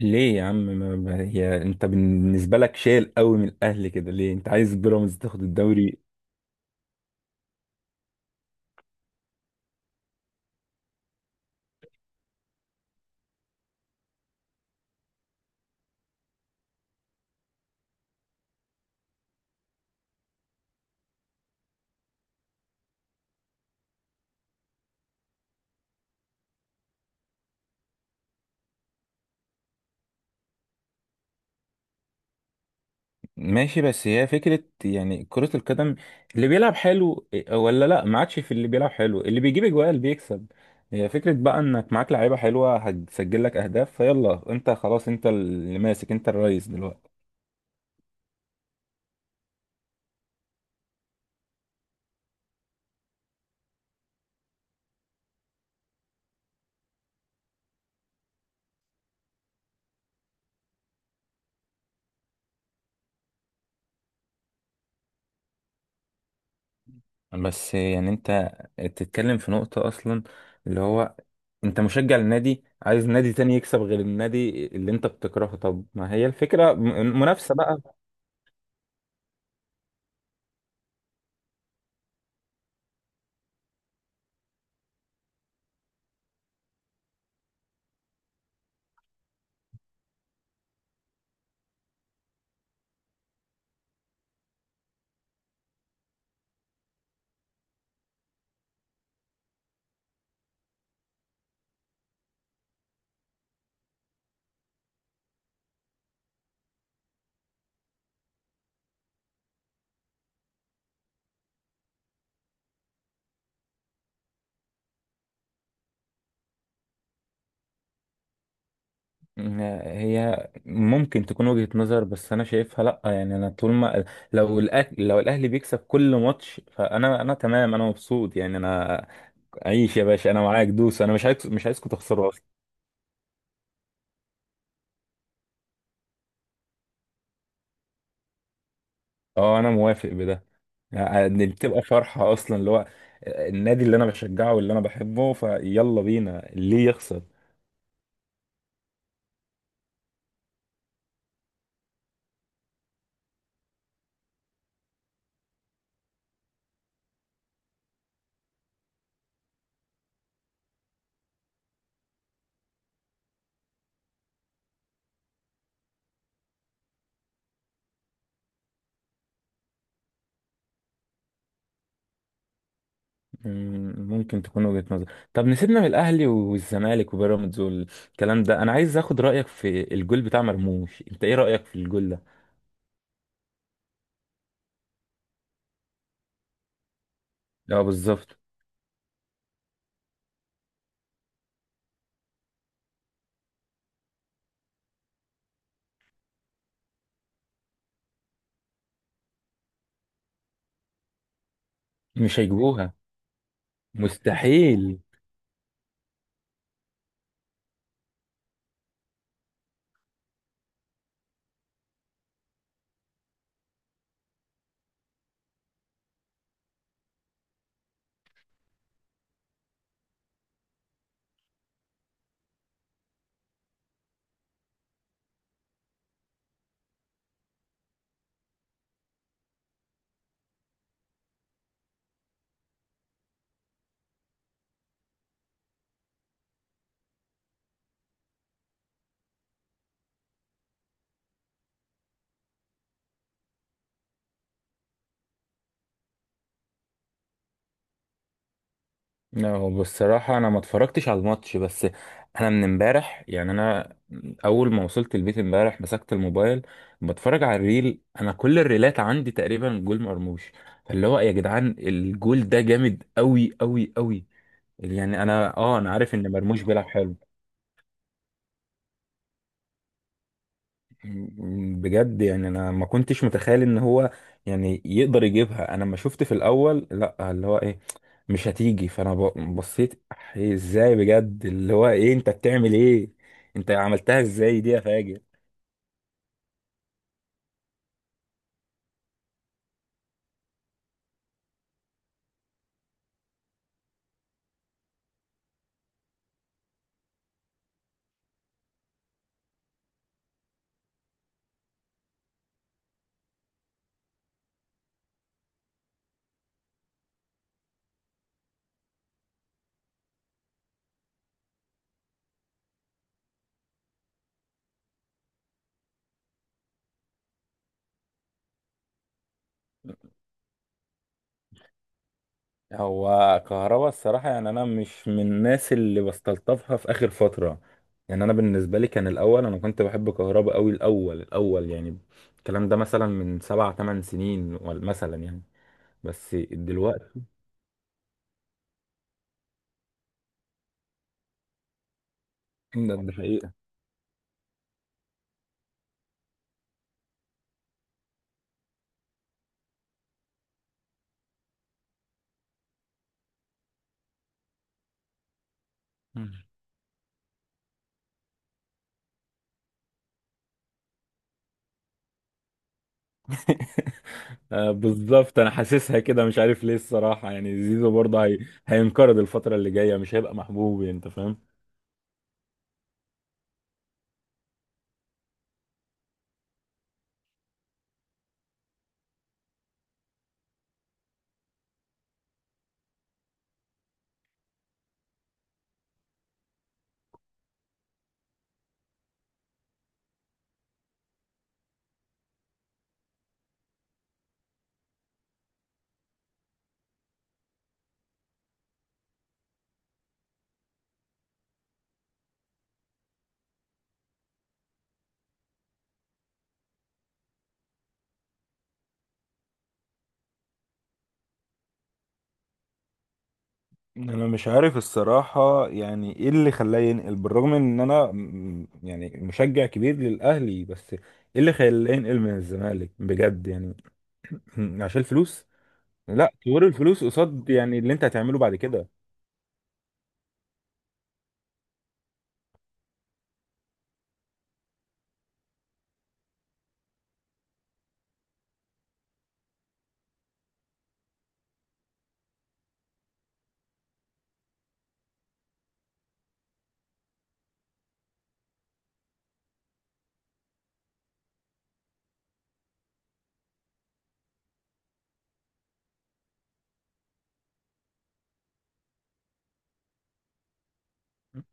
ليه يا عم، هي انت بالنسبه لك شايل قوي من الاهلي كده؟ ليه انت عايز بيراميدز تاخد الدوري؟ ماشي، بس هي فكره يعني كره القدم، اللي بيلعب حلو إيه، ولا لا، ما عادش في اللي بيلعب حلو، اللي بيجيب اجوال اللي بيكسب؟ هي فكره بقى، انك معاك لعيبه حلوه هتسجل لك اهداف، فيلا انت خلاص، انت اللي ماسك، انت الرئيس دلوقتي. بس يعني انت تتكلم في نقطه اصلا، اللي هو انت مشجع للنادي عايز نادي تاني يكسب غير النادي اللي انت بتكرهه. طب ما هي الفكرة منافسة بقى؟ م- هي ممكن تكون وجهة نظر، بس انا شايفها لا، يعني انا طول ما لو الاهلي، لو الاهلي بيكسب كل ماتش، فانا تمام، انا مبسوط يعني. انا عيش يا باشا، انا معاك دوس، انا مش عايزكم تخسروا اصلا. اه، انا موافق بده، يعني بتبقى فرحة اصلا، اللي هو النادي اللي انا بشجعه واللي انا بحبه، فيلا بينا ليه يخسر؟ ممكن تكون وجهة نظر. طب نسيبنا من الاهلي والزمالك وبيراميدز والكلام ده، انا عايز اخد رايك في الجول بتاع مرموش، انت ايه رايك في الجول ده؟ لا، بالظبط. مش هيجيبوها، مستحيل. لا، هو بصراحه انا ما اتفرجتش على الماتش، بس انا من امبارح، يعني انا اول ما وصلت البيت امبارح مسكت الموبايل، بتفرج على الريل، انا كل الريلات عندي تقريبا جول مرموش. فاللي هو يا جدعان، الجول ده جامد قوي قوي قوي. يعني انا عارف ان مرموش بيلعب حلو. بجد يعني انا ما كنتش متخيل ان هو يعني يقدر يجيبها. انا لما شفت في الاول، لا، اللي هو ايه، مش هتيجي، فانا بصيت. إيه؟ ازاي بجد؟ اللي هو ايه، انت بتعمل ايه، انت عملتها ازاي دي يا فاجر؟ هو كهربا الصراحة، يعني أنا مش من الناس اللي بستلطفها في آخر فترة. يعني أنا بالنسبة لي كان الأول، أنا كنت بحب كهربا أوي الأول الأول يعني. الكلام ده مثلا من 7 8 سنين، مثلا يعني. بس دلوقتي، ده حقيقي. مم. آه، بالظبط، انا حاسسها كده، مش عارف ليه الصراحه. يعني زيزو برضه هي هينقرض الفتره اللي جايه، مش هيبقى محبوب، انت فاهم. مم. انا مش عارف الصراحه، يعني ايه اللي خلاه ينقل؟ بالرغم ان انا يعني مشجع كبير للاهلي، بس ايه اللي خلاه ينقل من الزمالك، بجد يعني؟ عشان الفلوس؟ لا، طول الفلوس قصاد، يعني اللي انت هتعمله بعد كده.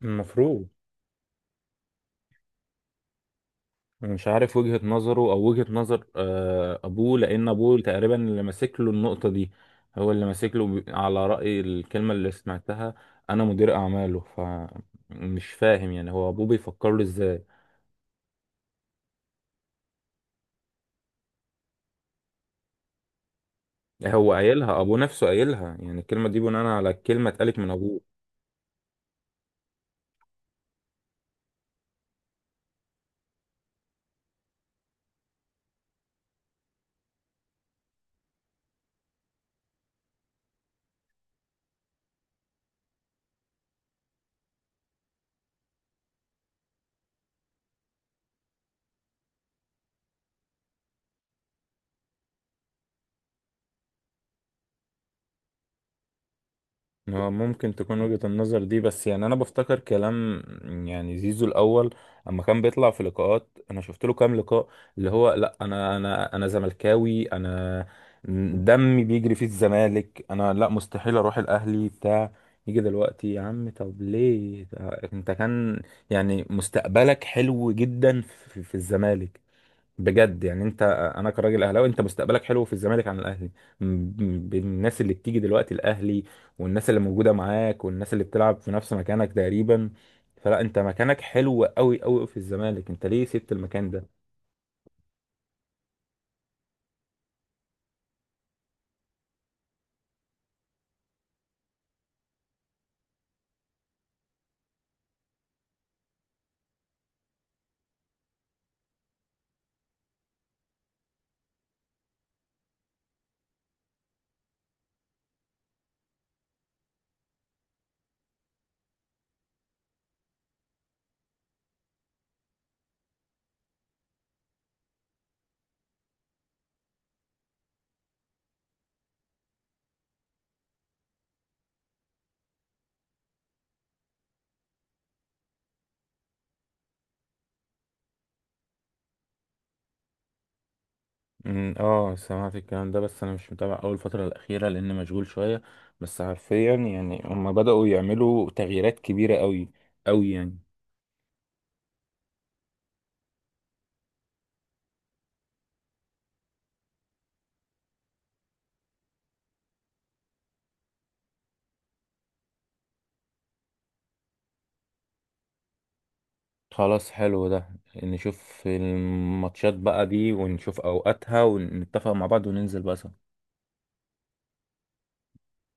المفروض. مش عارف وجهة نظره، او وجهة نظر ابوه، لان ابوه تقريبا اللي ماسك له النقطة دي. هو اللي ماسك له، على رأي الكلمة اللي سمعتها، انا مدير اعماله. فمش فاهم يعني هو ابوه بيفكر له ازاي. هو قايلها، ابوه نفسه قايلها يعني، الكلمة دي بناء على الكلمة اتقالت من ابوه. هو ممكن تكون وجهة النظر دي، بس يعني انا بفتكر كلام، يعني زيزو الاول اما كان بيطلع في لقاءات، انا شفت له كام لقاء اللي هو، لا، انا زملكاوي، انا دمي بيجري في الزمالك، انا لا، مستحيل اروح الاهلي بتاع. يجي دلوقتي يا عم، طب ليه ده؟ انت كان يعني مستقبلك حلو جدا في الزمالك، بجد يعني. انت، انا كراجل اهلاوي، انت مستقبلك حلو في الزمالك عن الاهلي، بالناس اللي بتيجي دلوقتي الاهلي، والناس اللي موجوده معاك، والناس اللي بتلعب في نفس مكانك تقريبا. فلا، انت مكانك حلو قوي قوي في الزمالك، انت ليه سبت المكان ده؟ اه، سمعت الكلام ده، بس انا مش متابع اول فتره الاخيره لان مشغول شويه. بس حرفيا يعني هم بداوا يعملوا تغييرات كبيره قوي قوي يعني. خلاص، حلو ده. نشوف الماتشات بقى دي، ونشوف اوقاتها، ونتفق مع بعض، وننزل بقى سوا.